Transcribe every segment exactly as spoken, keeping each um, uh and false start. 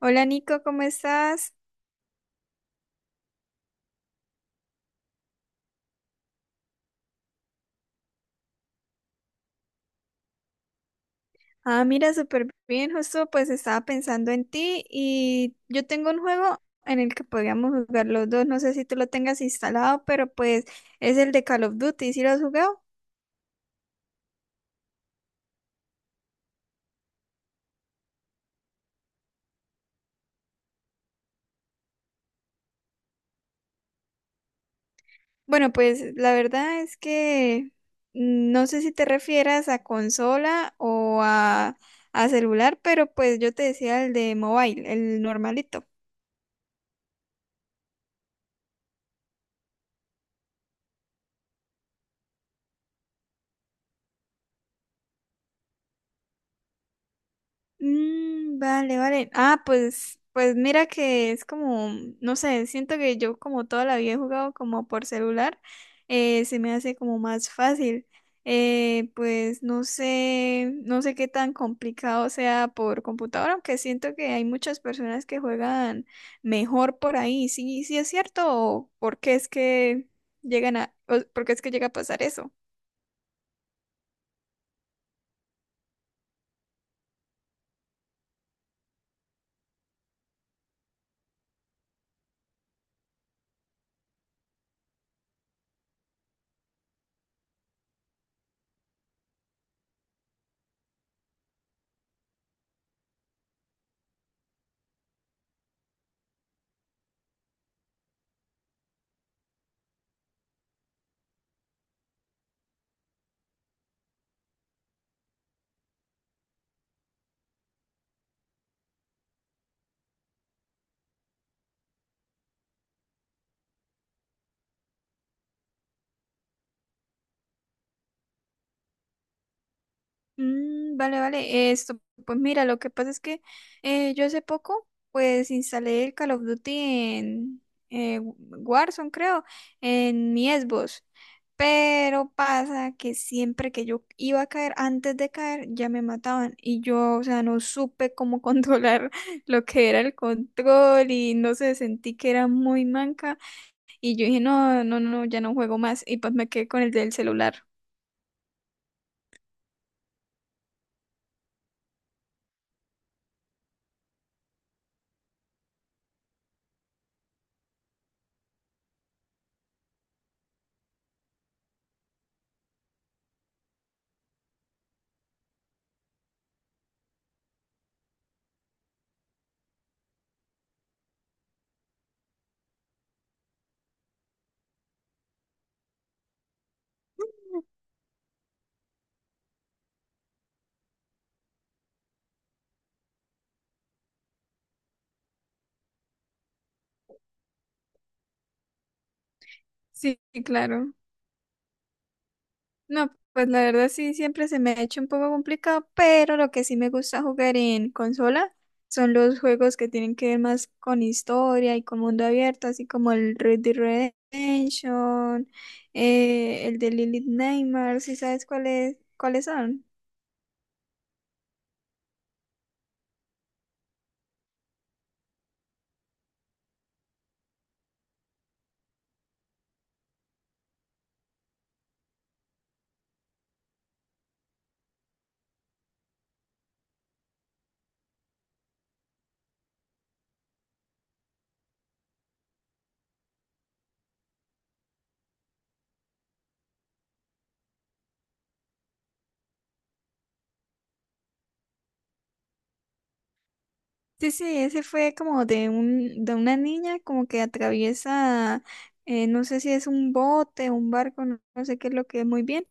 Hola Nico, ¿cómo estás? Ah, mira, súper bien, justo pues estaba pensando en ti y yo tengo un juego en el que podríamos jugar los dos, no sé si tú lo tengas instalado, pero pues es el de Call of Duty, ¿sí lo has jugado? Bueno, pues la verdad es que no sé si te refieras a consola o a, a celular, pero pues yo te decía el de mobile, el normalito. Mm, vale, vale. Ah, pues, pues mira que es como, no sé, siento que yo como toda la vida he jugado como por celular, eh, se me hace como más fácil. Eh, pues no sé, no sé qué tan complicado sea por computadora, aunque siento que hay muchas personas que juegan mejor por ahí. Sí, sí es cierto. ¿O por qué es que llegan a, o por qué es que llega a pasar eso? Mm, vale, vale. Esto, pues mira, lo que pasa es que eh, yo hace poco, pues instalé el Call of Duty en eh, Warzone, creo, en mi Xbox. Pero pasa que siempre que yo iba a caer, antes de caer, ya me mataban. Y yo, o sea, no supe cómo controlar lo que era el control y no sé, sentí que era muy manca. Y yo dije, no, no, no, ya no juego más. Y pues me quedé con el del celular. Sí, claro. No, pues la verdad sí, siempre se me ha hecho un poco complicado, pero lo que sí me gusta jugar en consola son los juegos que tienen que ver más con historia y con mundo abierto, así como el Red Dead Redemption, eh, el de Lilith Nightmares. ¿Sí sabes cuáles cuáles son? Sí, sí, ese fue como de un, de una niña como que atraviesa, eh, no sé si es un bote, un barco, no no sé qué es lo que es muy bien,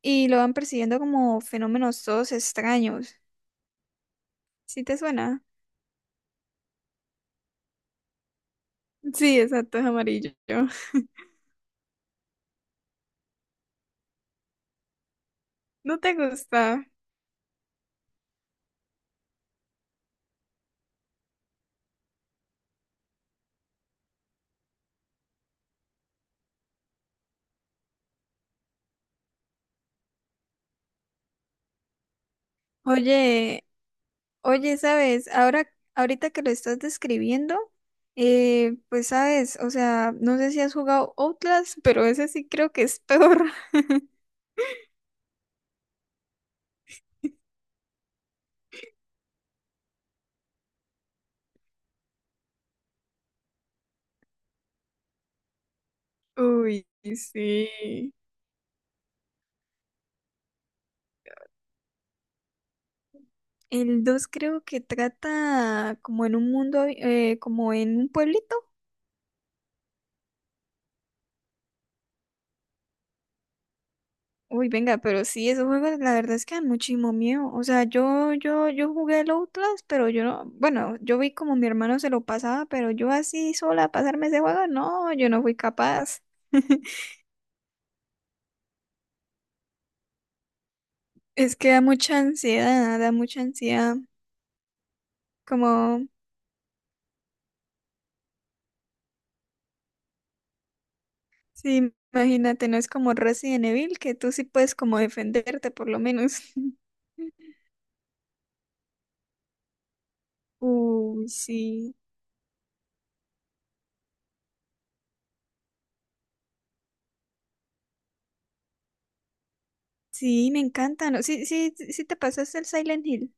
y lo van persiguiendo como fenómenos todos extraños. ¿Sí te suena? Sí, exacto, es amarillo. No te gusta. Oye, oye, sabes, ahora, ahorita que lo estás describiendo, eh, pues sabes, o sea, no sé si has jugado Outlast, pero ese sí creo que es peor. Uy, sí. El dos creo que trata como en un mundo, eh, como en un pueblito. Uy, venga, pero sí, esos juegos la verdad es que dan muchísimo miedo. O sea, yo, yo, yo jugué el Outlast, pero yo no, bueno, yo vi como mi hermano se lo pasaba, pero yo así sola pasarme ese juego, no, yo no fui capaz. Es que da mucha ansiedad, da mucha ansiedad. Como, sí, imagínate, no es como Resident Evil, que tú sí puedes como defenderte por lo menos. Uy, sí, sí, me encantan. Sí, sí, sí sí te pasaste el Silent Hill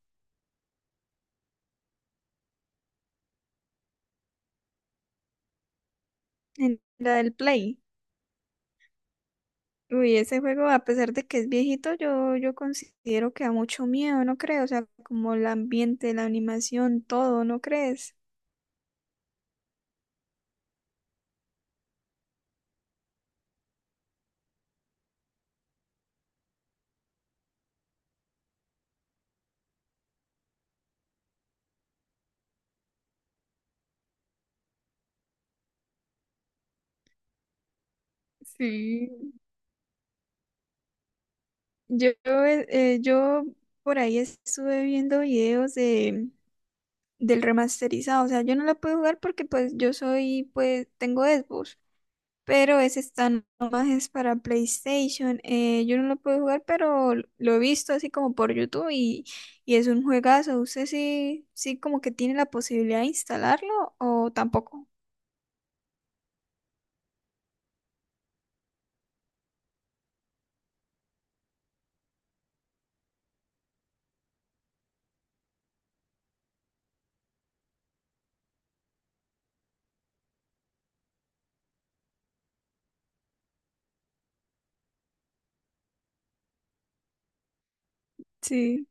en la del Play. Uy, ese juego, a pesar de que es viejito, yo, yo considero que da mucho miedo, ¿no crees? O sea, como el ambiente, la animación, todo, ¿no crees? Sí. Yo, eh, eh, yo por ahí estuve viendo videos de, del remasterizado, o sea, yo no lo puedo jugar porque pues yo soy, pues tengo Xbox. Pero ese está nomás es para PlayStation. eh, yo no lo puedo jugar, pero lo he visto así como por YouTube y, y es un juegazo. ¿Usted sí, sí como que tiene la posibilidad de instalarlo o tampoco? Sí,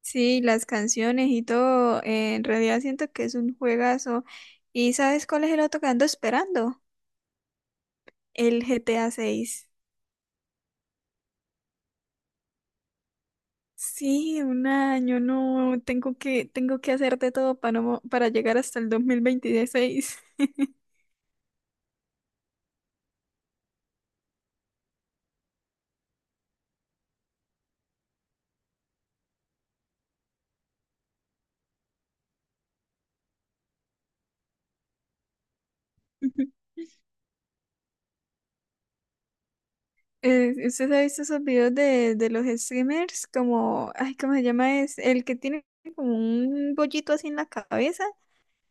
sí, las canciones y todo. Eh, en realidad siento que es un juegazo. ¿Y sabes cuál es el otro que ando esperando? El G T A seis. Sí, un año, no, tengo que, tengo que hacer de todo para, no- para llegar hasta el dos mil veintiséis. Eh, ¿usted ha visto esos videos de, de los streamers? Como, ay, ¿cómo se llama? Es el que tiene como un bollito así en la cabeza,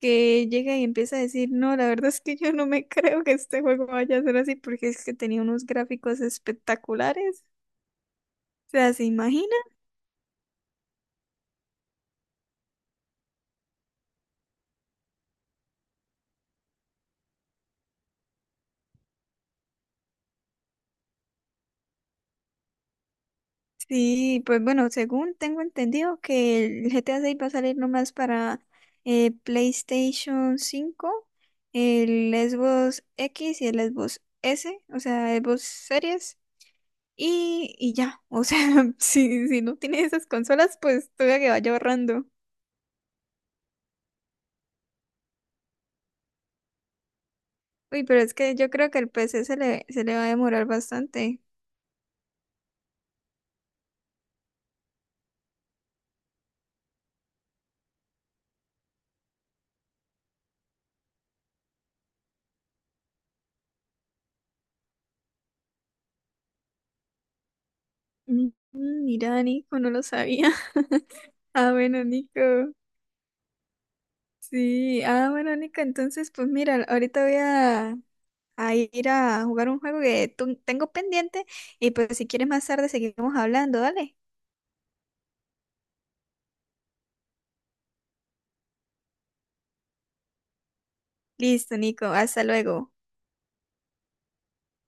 que llega y empieza a decir, no, la verdad es que yo no me creo que este juego vaya a ser así, porque es que tenía unos gráficos espectaculares. O sea, ¿se imagina? Sí, pues bueno, según tengo entendido que el G T A seis va a salir nomás para eh, PlayStation cinco, el Xbox X y el Xbox S, o sea, Xbox Series. Y, y ya, o sea, si, si no tienes esas consolas, pues tuve que vaya ahorrando. Uy, pero es que yo creo que el P C se le, se le va a demorar bastante. Mm, Mira, Nico, no lo sabía. Ah, bueno, Nico. Sí, ah, bueno, Nico, entonces, pues mira, ahorita voy a, a ir a jugar un juego que tu- tengo pendiente y pues si quieres más tarde seguimos hablando, dale. Listo, Nico, hasta luego.